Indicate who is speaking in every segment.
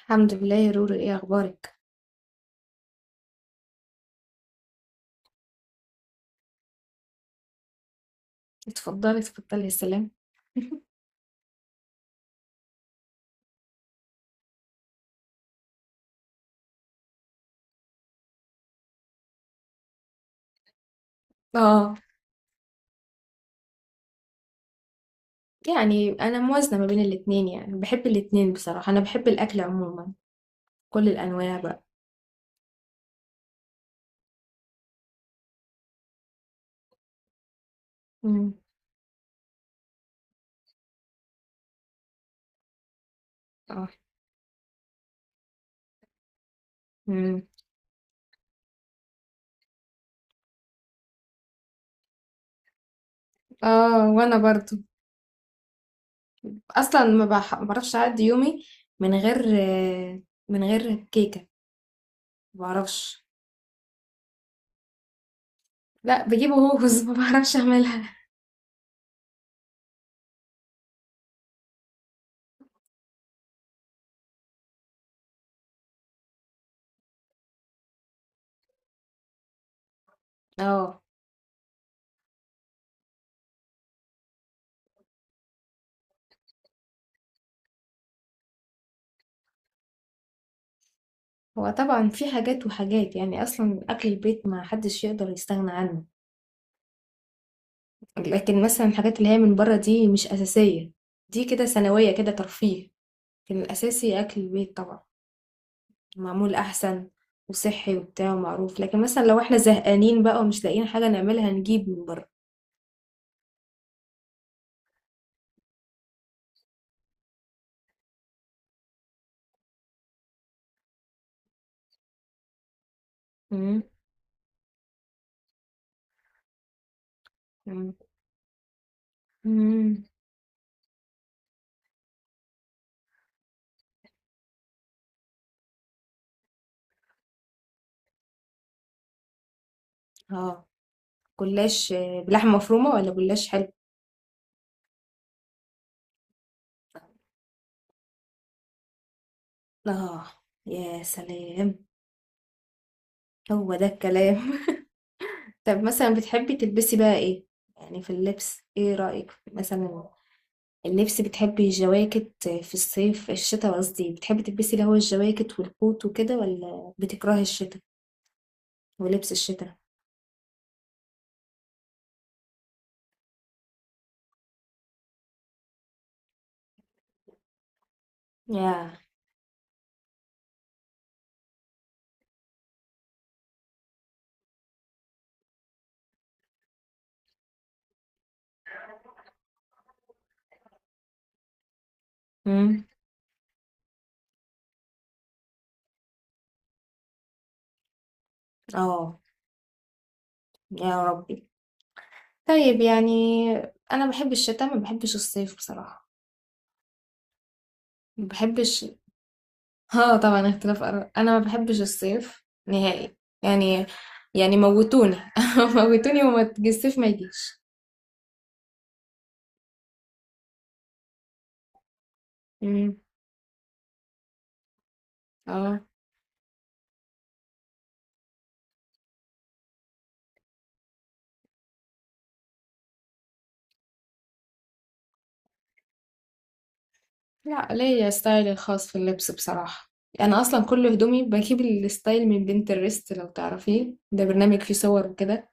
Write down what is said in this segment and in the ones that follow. Speaker 1: الحمد لله يا رورو، ايه اخبارك؟ اتفضلي اتفضلي، يا سلام. اه انا موازنه ما بين الاتنين، يعني بحب الاتنين بصراحه. انا بحب الاكل عموما، كل الانواع بقى. امم اه. امم اه وانا برضو. اصلا ما بعرفش اعدي يومي من غير، آه، من غير كيكه، ما بعرفش. لا بجيب هوز. ما بعرفش اعملها. اه. هو طبعا في حاجات وحاجات، يعني اصلا اكل البيت ما حدش يقدر يستغنى عنه. لكن مثلا الحاجات اللي هي من بره دي مش أساسية، دي كده ثانوية، كده ترفيه. لكن الأساسي أكل البيت طبعا. معمول أحسن وصحي وبتاع ومعروف. لكن مثلا لو احنا زهقانين بقى ومش لاقيين حاجة نعملها نجيب من بره. مم. مم. مم. اه. جلاش بلحمة مفرومة ولا جلاش حلو؟ اه، يا سلام، هو ده الكلام. طب مثلا بتحبي تلبسي بقى ايه؟ يعني في اللبس ايه رأيك مثلا؟ اللبس بتحبي الجواكت في الصيف الشتاء، قصدي بتحبي تلبسي اللي هو الجواكت والكوت وكده ولا بتكرهي الشتاء ولبس الشتاء؟ يا. امم. اه، يا ربي. طيب يعني انا بحب الشتاء، ما بحبش الصيف بصراحة، ما بحبش. اه طبعا اختلاف اراء، انا ما بحبش الصيف نهائي، يعني، يعني موتوني. موتوني وما الصيف ما يجيش. امم. اه. لا ليا ستايلي الخاص في اللبس بصراحة. أنا أصلا كل هدومي بجيب الستايل من بنترست، لو تعرفيه ده برنامج فيه صور وكده.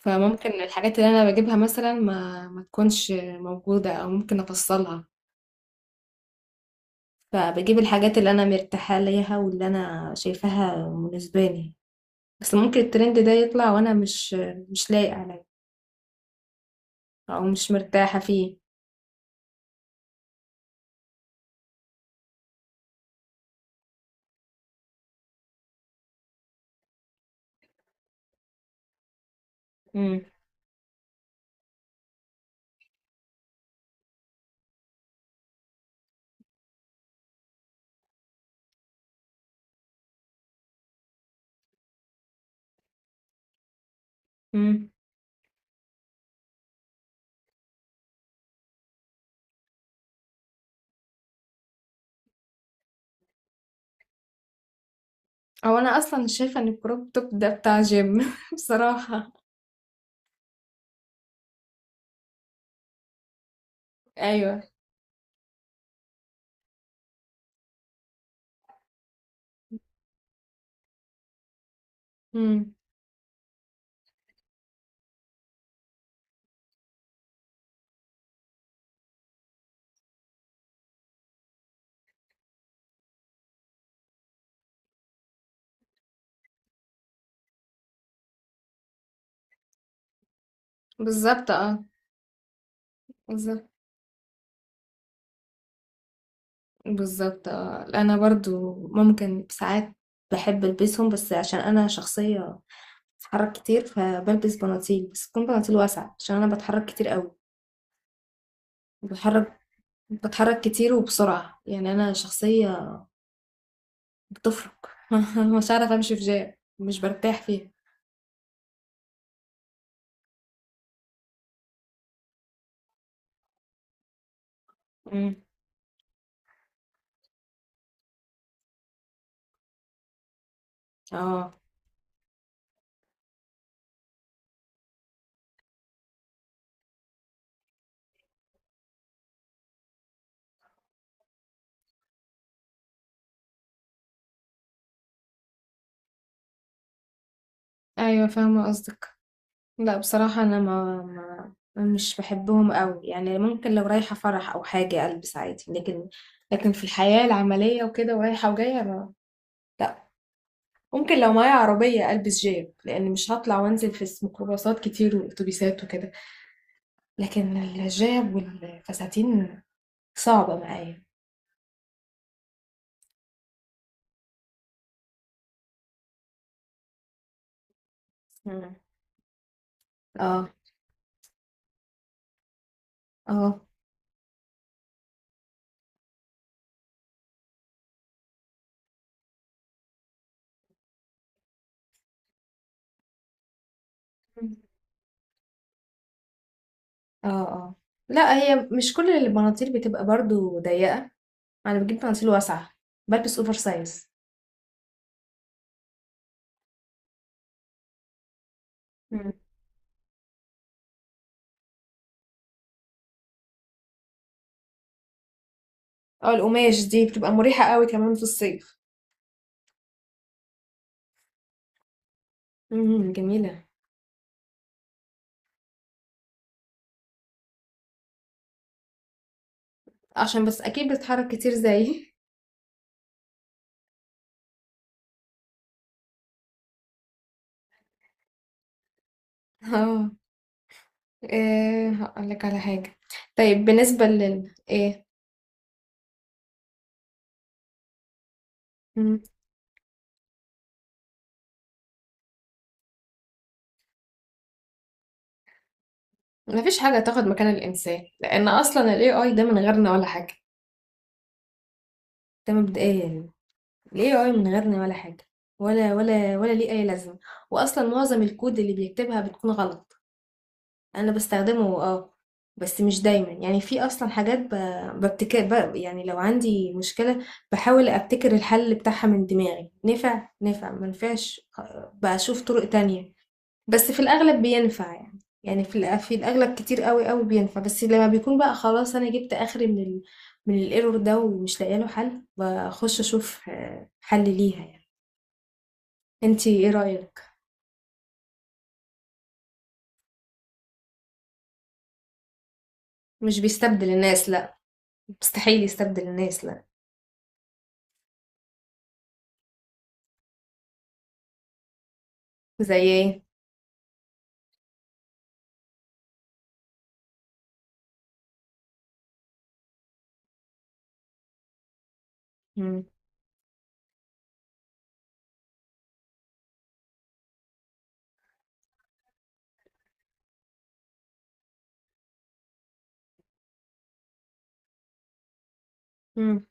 Speaker 1: فممكن الحاجات اللي أنا بجيبها مثلا ما تكونش موجودة أو ممكن أفصلها. فبجيب الحاجات اللي أنا مرتاحة ليها واللي أنا شايفاها مناسباني. بس ممكن الترند ده يطلع وأنا مش لايق عليه أو مش مرتاحة فيه. مم. مم. أو أنا أصلا شايفة إن الكروب توب ده بتاع جيم. بصراحة. أيوه. مم. بالظبط اه. بالظبط. بالظبط اه، انا برضو ممكن ساعات بحب البسهم، بس عشان انا شخصية بتحرك كتير، فبلبس بناطيل بس تكون بناطيل واسعة عشان انا بتحرك كتير قوي. بتحرك، بتحرك كتير وبسرعة، يعني انا شخصية بتفرق. مش عارفة امشي في جام، مش برتاح فيها. مم. اه. ايوه فاهمة قصدك. لا بصراحة أنا ما, ما مش بحبهم قوي، يعني ممكن لو رايحة فرح أو حاجة ألبس عادي، لكن لكن في الحياة العملية وكده ورايحة وجاية ما، لا. ممكن لو معايا عربية ألبس جيب، لأن مش هطلع وأنزل في ميكروباصات كتير وأتوبيسات وكده. لكن الجيب والفساتين صعبة معايا. مم. اه. اه. اه. اه. لا هي مش كل البناطيل بتبقى برضو ضيقة، أنا بجيب بناطيل واسعة، بلبس أوفر سايز. اه القماش دي بتبقى مريحة قوي كمان في الصيف. امم، جميلة. عشان بس اكيد بتتحرك كتير زيي. اه. ايه هقول لك على حاجة. طيب بالنسبة لل ايه. مم. مفيش حاجة تاخد مكان الانسان، لان اصلا ال AI ده من غيرنا ولا حاجة. ده مبدئيا. ليه اي من غيرنا ولا حاجة. ولا ليه اي لازمة. واصلا معظم الكود اللي بيكتبها بتكون غلط. انا بستخدمه اه، بس مش دايما. يعني في اصلا حاجات ب... ببتكر ب... يعني لو عندي مشكلة بحاول ابتكر الحل بتاعها من دماغي، نفع ما نفعش، بشوف طرق تانية. بس في الاغلب بينفع يعني. يعني في الاغلب كتير قوي بينفع. بس لما بيكون بقى خلاص انا جبت اخري من ال... من الايرور ده ومش لاقيه له حل، بخش اشوف حل ليها يعني. انتي ايه رأيك؟ مش بيستبدل الناس لا، مستحيل يستبدل الناس لا. زي ايه؟ إمم.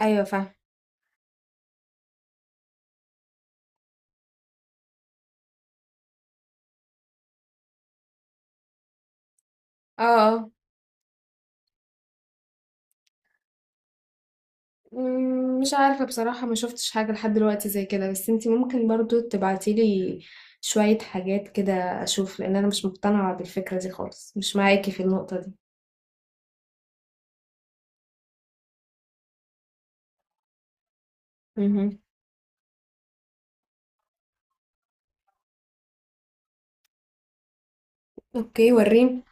Speaker 1: أيوه فاهمة. آه، آه. إمم، مش عارفة بصراحة، ما شُفتش حاجة لحد دلوقتي زي كده، بس أنتِ ممكن برضه تبعتي لي شوية حاجات كده أشوف، لإن أنا مش مقتنعة بالفكرة دي خالص، مش معاكِ في النقطة دي. اهم. أوكي ورّيني.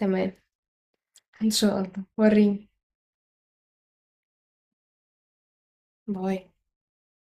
Speaker 1: تمام، إن شاء الله، ورّيني. باي.